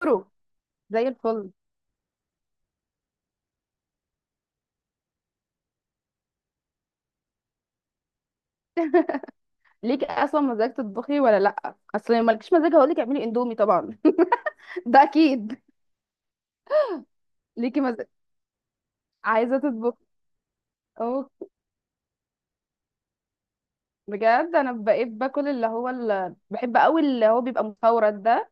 برو. زي الفل. ليكي اصلا مزاج تطبخي ولا لا؟ اصل لو مالكيش مزاج هقول لك اعملي اندومي طبعا. ده اكيد. ليكي مزاج، عايزه تطبخي. اوه. بجد انا بقيت باكل، اللي هو اللي بحب قوي، اللي هو بيبقى مستورد ده،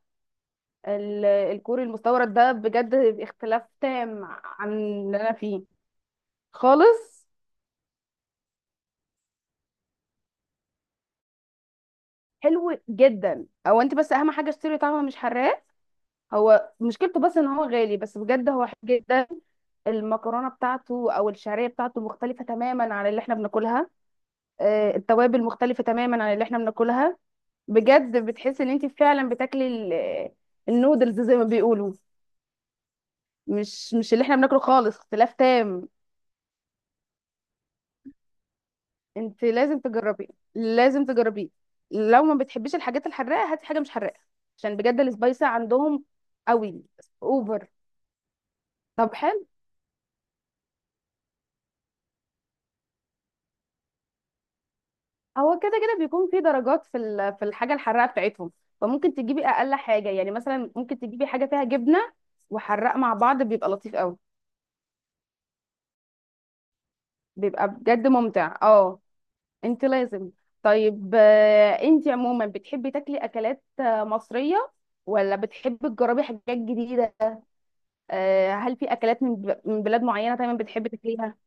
الكوري المستورد ده بجد. اختلاف تام عن اللي انا فيه خالص. حلو جدا او انت بس اهم حاجه اشتري طعمه مش حراق. هو مشكلته بس ان هو غالي، بس بجد هو حلو جدا. المكرونه بتاعته او الشعريه بتاعته مختلفه تماما عن اللي احنا بناكلها. التوابل مختلفه تماما عن اللي احنا بناكلها. بجد بتحس ان انت فعلا بتاكلي النودلز زي ما بيقولوا. مش اللي احنا بناكله خالص. اختلاف تام. انت لازم تجربيه. لازم تجربيه. لو ما بتحبيش الحاجات الحراقه هاتي حاجه مش حراقه. عشان بجد السبايسي عندهم قوي. اوفر. طب حلو. هو كده كده بيكون في درجات، في الحاجه الحراقه بتاعتهم. فممكن تجيبي اقل حاجه، يعني مثلا ممكن تجيبي حاجه فيها جبنه وحراق مع بعض، بيبقى لطيف قوي. بيبقى بجد ممتع، اه. انت لازم. طيب. انت عموما بتحبي تاكلي اكلات مصريه، ولا بتحبي تجربي حاجات جديده؟ هل في اكلات من بلاد معينه دايما بتحبي تاكليها؟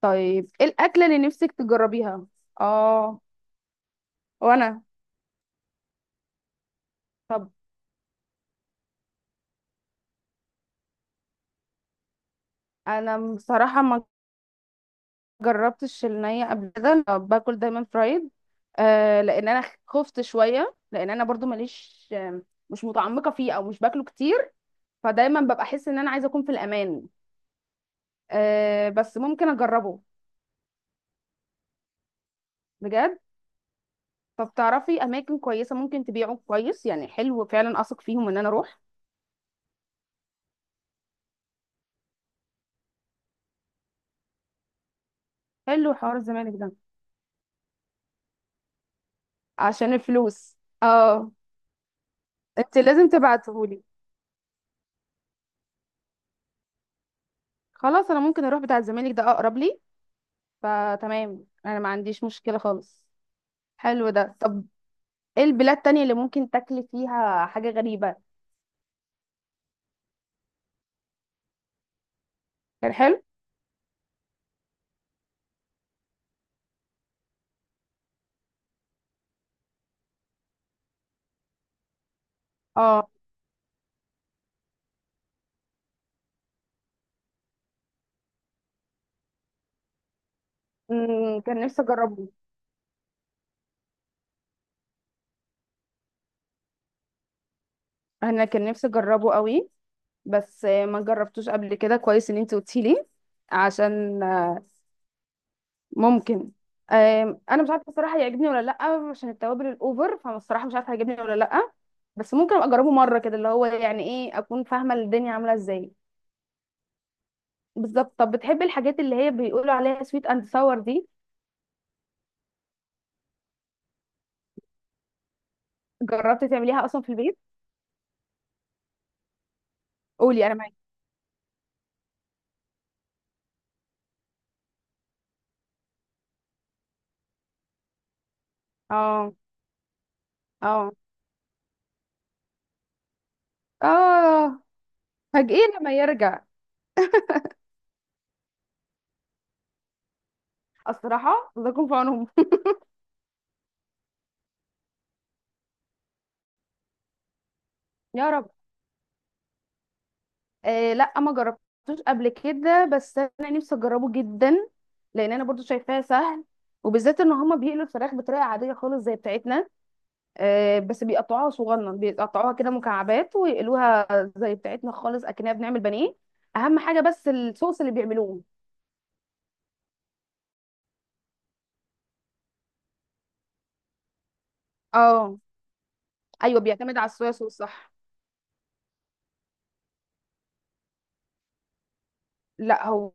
طيب ايه الاكله اللي نفسك تجربيها؟ اه. وانا. طب انا بصراحه ما جربتش النية قبل كده. أنا باكل دايما فرايد. لان انا خفت شويه، لان انا برضو ماليش، مش متعمقه فيه او مش باكله كتير. فدايما ببقى احس ان انا عايزه اكون في الامان. بس ممكن اجربه. بجد فبتعرفي اماكن كويسه ممكن تبيعه كويس يعني، حلو فعلا، اثق فيهم ان انا اروح؟ حلو حوار الزمالك ده. عشان الفلوس، اه. انت لازم تبعتهولي. خلاص، انا ممكن اروح بتاع الزمالك ده اقرب لي. فتمام، انا ما عنديش مشكله خالص. حلو ده. طب ايه البلاد التانية اللي ممكن تاكلي فيها حاجة غريبة؟ كان حلو. اه. كان نفسي اجربه. انا كان نفسي اجربه قوي. بس ما جربتوش قبل كده. كويس ان انت قلتي لي. عشان ممكن. انا مش عارفه الصراحه هيعجبني ولا لا. عشان التوابل الاوفر فانا الصراحه مش عارفه هيعجبني ولا لا. بس ممكن ابقى اجربه مره كده، اللي هو يعني ايه، اكون فاهمه الدنيا عامله ازاي. بالظبط. طب بتحبي الحاجات اللي هي بيقولوا عليها سويت اند ساور دي؟ جربتي تعمليها اصلا في البيت؟ قولي انا معاكي. اه. اه. اه. فاجئين لما يرجع. الصراحه الله يكون في عونهم. يا رب. لا، ما جربتوش قبل كده بس انا نفسي اجربه جدا. لان انا برضو شايفاه سهل، وبالذات ان هما بيقلوا الفراخ بطريقه عاديه خالص زي بتاعتنا. بس بيقطعوها صغنن، بيقطعوها كده مكعبات ويقلوها. زي بتاعتنا خالص، اكننا بنعمل بانيه. اهم حاجه بس الصوص اللي بيعملوه. اه. ايوه، بيعتمد على الصويا صوص، صح. لا، هو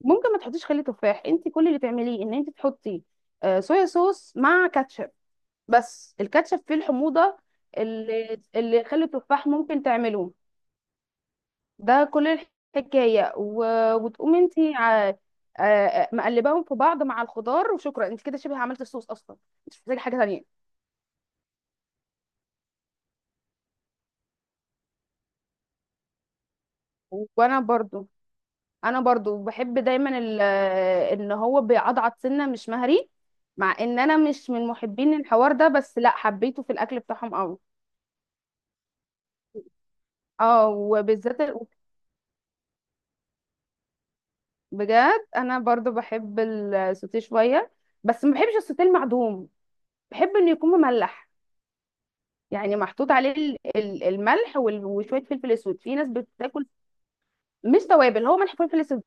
ممكن ما تحطيش خل تفاح. انت كل اللي تعمليه ان انت تحطي صويا صوص مع كاتشب. بس الكاتشب فيه الحموضه اللي خل التفاح ممكن تعمله. ده كل الحكايه وتقومي انت مقلباهم في بعض مع الخضار، وشكرا. انت كده شبه عملت الصوص اصلا. انت مش محتاجه حاجه تانية. وانا برضو انا برضو بحب دايما ان هو بيعضعض سنه مش مهري. مع ان انا مش من محبين الحوار ده، بس لا، حبيته في الاكل بتاعهم قوي. اه، وبالذات بجد انا برضو بحب السوتيه شويه. بس ما بحبش السوتيه المعدوم. بحب انه يكون مملح. يعني محطوط عليه الملح وشويه فلفل اسود. في ناس بتاكل. مش توابل، هو ملح فلفل اسود.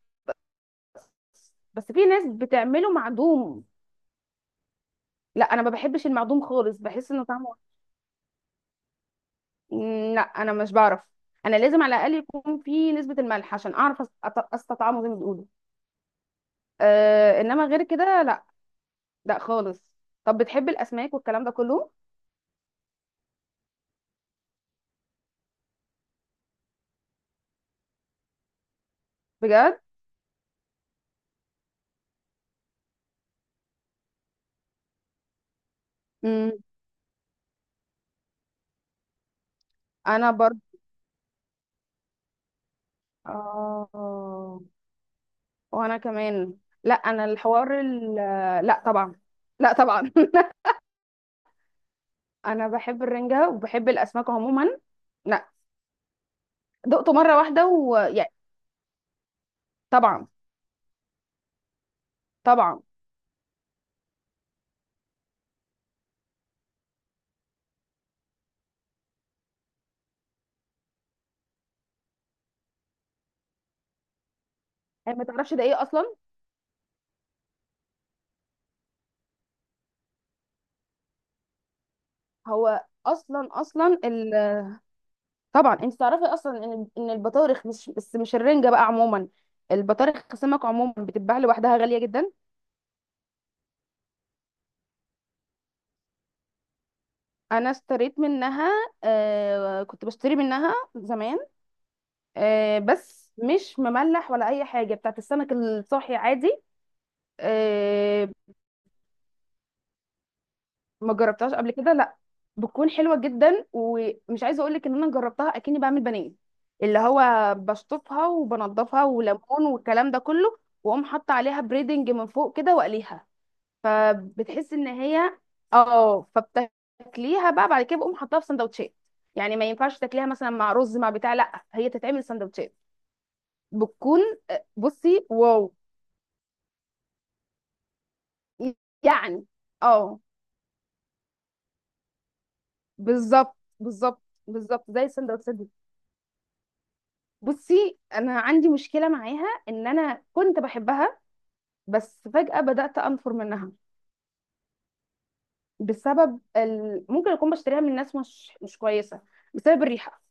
بس في ناس بتعمله معدوم. لا، انا ما بحبش المعدوم خالص. بحس انه طعمه لا انا مش بعرف. انا لازم على الاقل يكون في نسبه الملح عشان اعرف استطعمه زي ما بيقولوا. انما غير كده لا. لا خالص. طب بتحب الاسماك والكلام ده كله؟ بجد. امم انا برضه. اه. وانا كمان. لا انا الحوار لا طبعا. لا طبعا. انا بحب الرنجة وبحب الاسماك عموما. لا. دقته مرة واحدة ويعني. طبعا. طبعا. هي ما تعرفش ده ايه اصلا. هو اصلا اصلا طبعا. انت تعرفي اصلا ان البطارخ مش بس، مش الرنجة بقى عموما. البطارخ سمك عموما بتتباع لوحدها غالية جدا. انا اشتريت منها. كنت بشتري منها زمان. بس مش مملح ولا اي حاجه، بتاعت السمك الصاحي عادي. آه ما جربتهاش قبل كده لا. بتكون حلوه جدا، ومش عايزه اقول لك ان انا جربتها اكني بعمل بانيه. اللي هو بشطفها وبنضفها، وليمون، والكلام ده كله. واقوم حاطه عليها بريدنج من فوق كده واقليها، فبتحس ان هي اه. فبتاكليها بقى بعد كده، بقوم حاطاها في سندوتشات. يعني ما ينفعش تاكليها مثلا مع رز مع بتاع، لا، هي تتعمل سندوتشات. بتكون بصي واو. يعني، اه. بالظبط. بالظبط. بالظبط زي السندوتشات دي. بصي انا عندي مشكله معاها، ان انا كنت بحبها بس فجاه بدات انفر منها. بسبب ممكن اكون بشتريها من ناس مش كويسه، بسبب الريحه.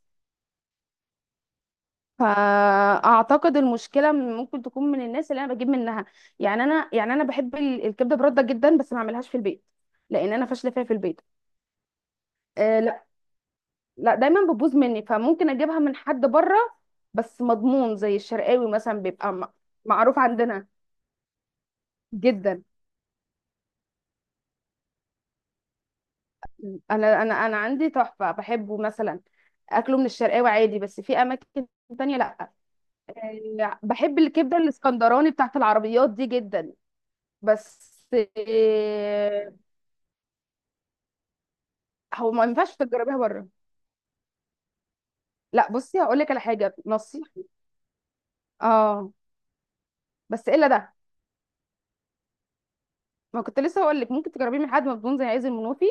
فاعتقد المشكله ممكن تكون من الناس اللي انا بجيب منها. يعني انا بحب الكبده برده جدا، بس ما اعملهاش في البيت. لان انا فاشله فيها في البيت. آه، لا، دايما بتبوظ مني. فممكن اجيبها من حد بره. بس مضمون، زي الشرقاوي مثلا بيبقى معروف عندنا. جدا. انا عندي تحفه بحبه مثلا اكله من الشرقاوي عادي، بس في اماكن تانية لا. بحب الكبده الاسكندراني بتاعت العربيات دي جدا. بس آه، هو ما ينفعش تجربيها بره. لا، بصي هقول لك على حاجه نصيحه. اه. بس الا ده. ما كنت لسه هقول لك ممكن تجربيه من حد مضمون زي عايز المنوفي.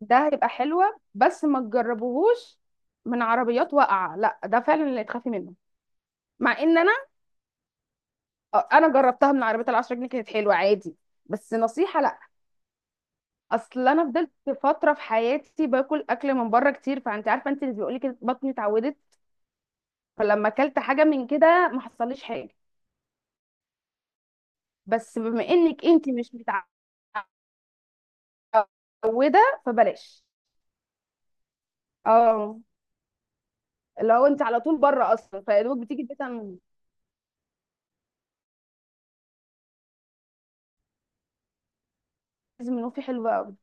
ده هيبقى حلوة، بس ما تجربوهوش من عربيات واقعة. لا ده فعلا اللي تخافي منه. مع ان انا جربتها من عربيات العشرة جنيه كانت حلوة عادي، بس نصيحة لا. اصل انا فضلت فترة في حياتي باكل اكل من بره كتير، فانت عارفة، انت اللي بيقولي كده، بطني اتعودت. فلما اكلت حاجة من كده ما حصليش حاجة. بس بما انك انت مش متعودة فبلاش. اه، لو انت على طول بره اصلا فيا دوبك بتيجي البيت لازم يكون في حلوة أوي.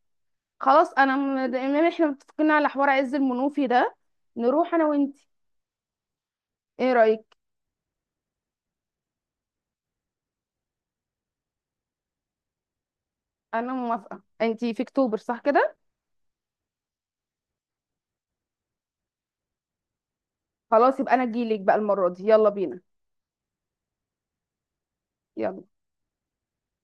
خلاص، انا دايما احنا متفقين على حوار عز المنوفي ده. نروح انا وانتي. ايه رايك؟ انا موافقه. انتي في اكتوبر، صح كده؟ خلاص، يبقى انا اجيلك بقى المره دي. يلا بينا. يلا.